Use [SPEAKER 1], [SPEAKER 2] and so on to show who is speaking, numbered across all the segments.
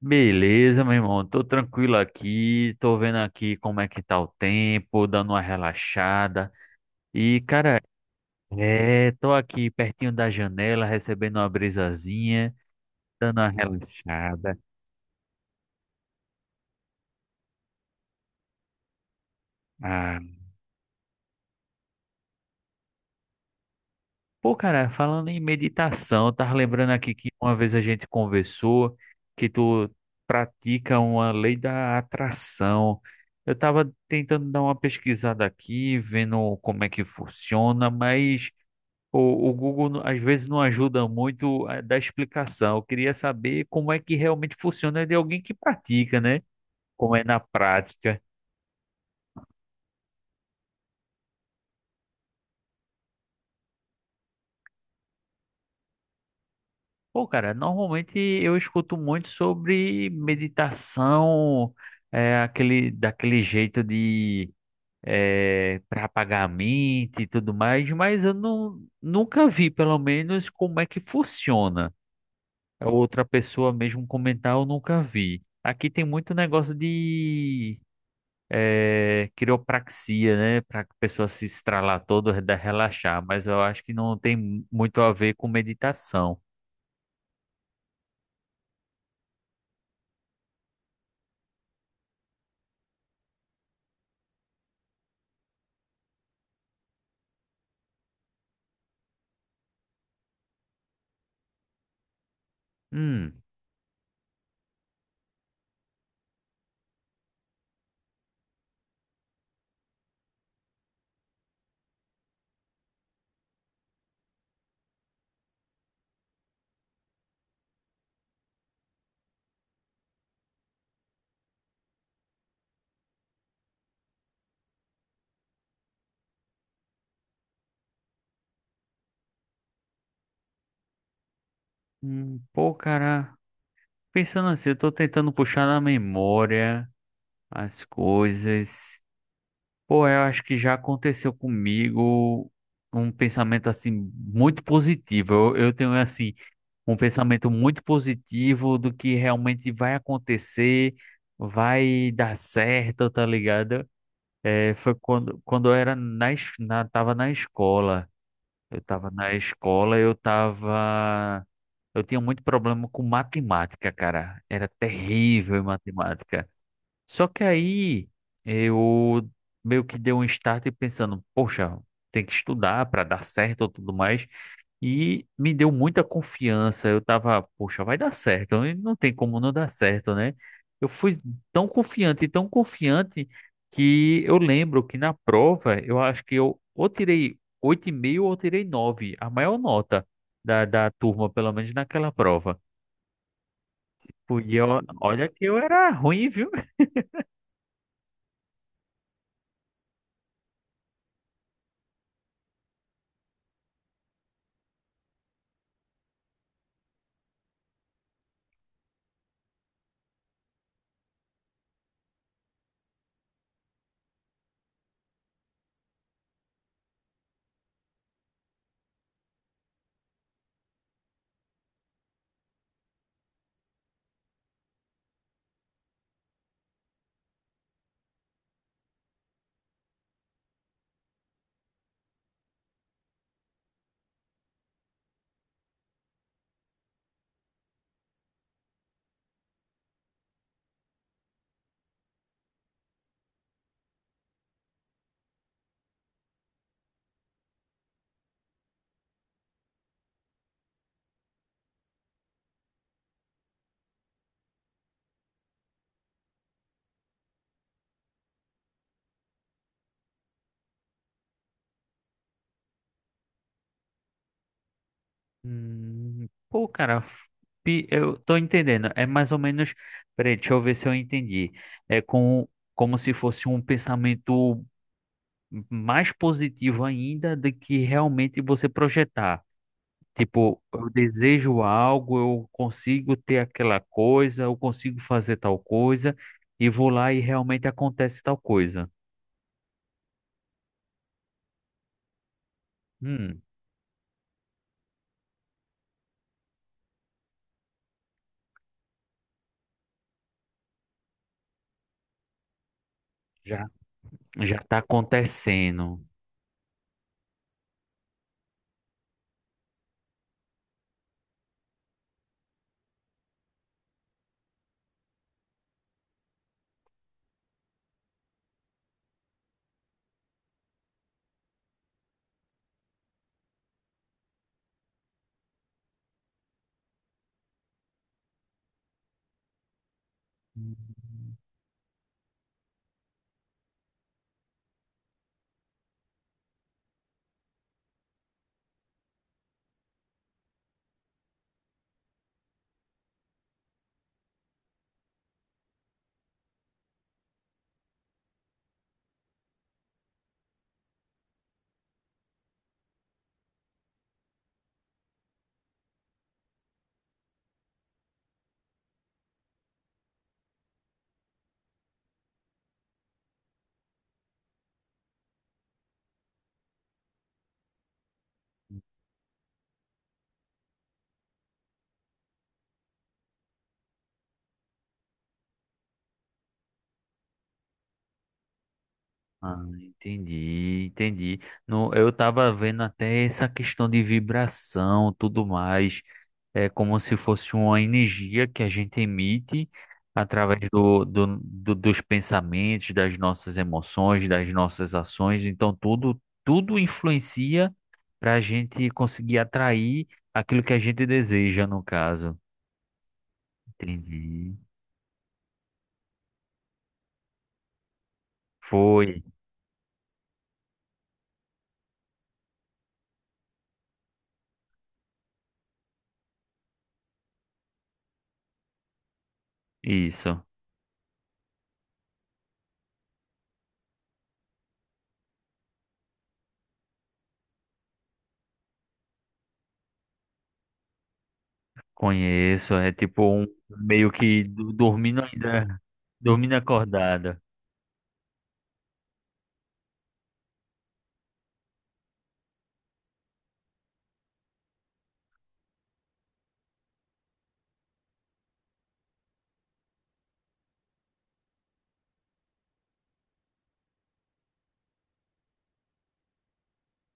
[SPEAKER 1] Beleza, meu irmão. Tô tranquilo aqui. Tô vendo aqui como é que tá o tempo, dando uma relaxada. E, cara, é, tô aqui pertinho da janela, recebendo uma brisazinha, dando uma relaxada. Ah, pô, cara, falando em meditação, eu tava lembrando aqui que uma vez a gente conversou que tu pratica uma lei da atração. Eu tava tentando dar uma pesquisada aqui, vendo como é que funciona, mas o Google às vezes não ajuda muito a dar explicação. Eu queria saber como é que realmente funciona de alguém que pratica, né? Como é na prática. Pô, cara, normalmente eu escuto muito sobre meditação, daquele jeito de é, para apagar a mente e tudo mais, mas eu não, nunca vi, pelo menos, como é que funciona. Outra pessoa mesmo comentar, eu nunca vi. Aqui tem muito negócio de é, quiropraxia, né? Para a pessoa se estralar toda, relaxar, mas eu acho que não tem muito a ver com meditação. Hum, pô, cara, pensando assim, eu tô tentando puxar na memória as coisas. Pô, eu acho que já aconteceu comigo um pensamento assim muito positivo. Eu tenho assim um pensamento muito positivo do que realmente vai acontecer, vai dar certo, tá ligado? É, foi quando eu era tava na escola. Eu tava na escola, eu tava. Eu tinha muito problema com matemática, cara. Era terrível em matemática. Só que aí eu meio que dei um start pensando, poxa, tem que estudar para dar certo ou tudo mais. E me deu muita confiança. Eu tava, poxa, vai dar certo. E não tem como não dar certo, né? Eu fui tão confiante, que eu lembro que na prova eu acho que eu ou tirei oito e meio ou tirei nove, a maior nota da turma, pelo menos naquela prova. E eu, olha que eu era ruim, viu? Pô, cara, eu tô entendendo. É mais ou menos. Peraí, deixa eu ver se eu entendi. É com, como se fosse um pensamento mais positivo ainda do que realmente você projetar. Tipo, eu desejo algo, eu consigo ter aquela coisa, eu consigo fazer tal coisa, e vou lá e realmente acontece tal coisa. Hum, já, já tá acontecendo. Ah, entendi, entendi. No, eu estava vendo até essa questão de vibração, tudo mais, é como se fosse uma energia que a gente emite através dos pensamentos, das nossas emoções, das nossas ações. Então tudo influencia para a gente conseguir atrair aquilo que a gente deseja, no caso. Entendi. Foi isso. Conheço, é tipo um meio que dormindo ainda. Dormindo acordada.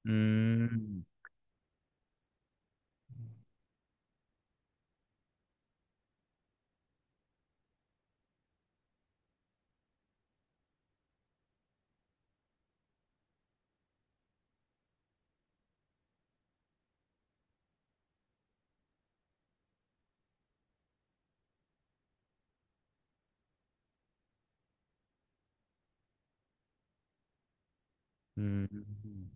[SPEAKER 1] Hum, hum.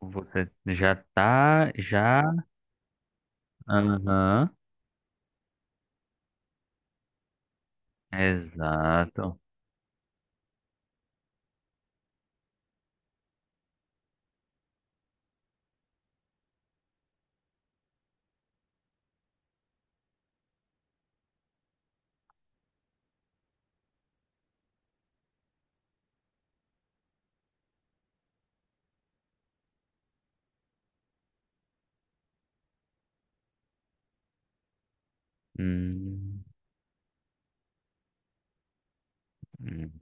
[SPEAKER 1] Você já tá, já. Aham. Exato. Hum, hum.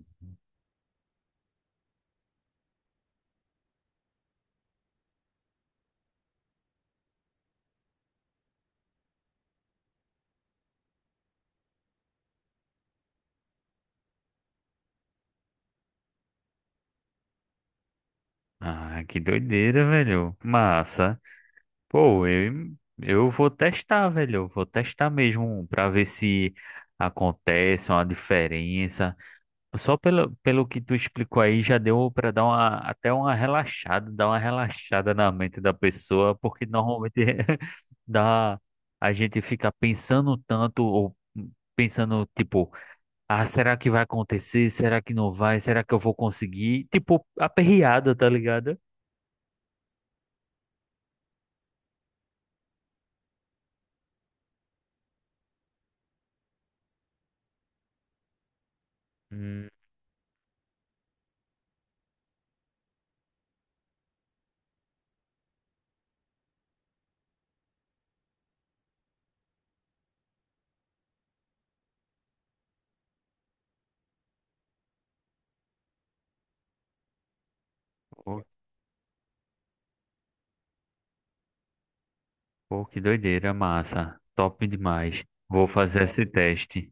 [SPEAKER 1] Ah, que doideira, velho. Massa. Pô, eu vou testar, velho. Eu vou testar mesmo pra ver se acontece uma diferença. Só pelo, pelo que tu explicou aí, já deu para dar uma, até uma relaxada, dar uma relaxada na mente da pessoa, porque normalmente dá, a gente fica pensando tanto, ou pensando, tipo, ah, será que vai acontecer? Será que não vai? Será que eu vou conseguir? Tipo, aperreada, tá ligado? Hum, pô, pô, que doideira, massa. Top demais. Vou fazer esse teste.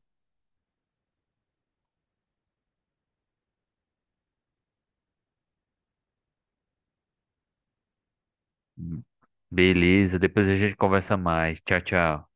[SPEAKER 1] Beleza, depois a gente conversa mais. Tchau, tchau.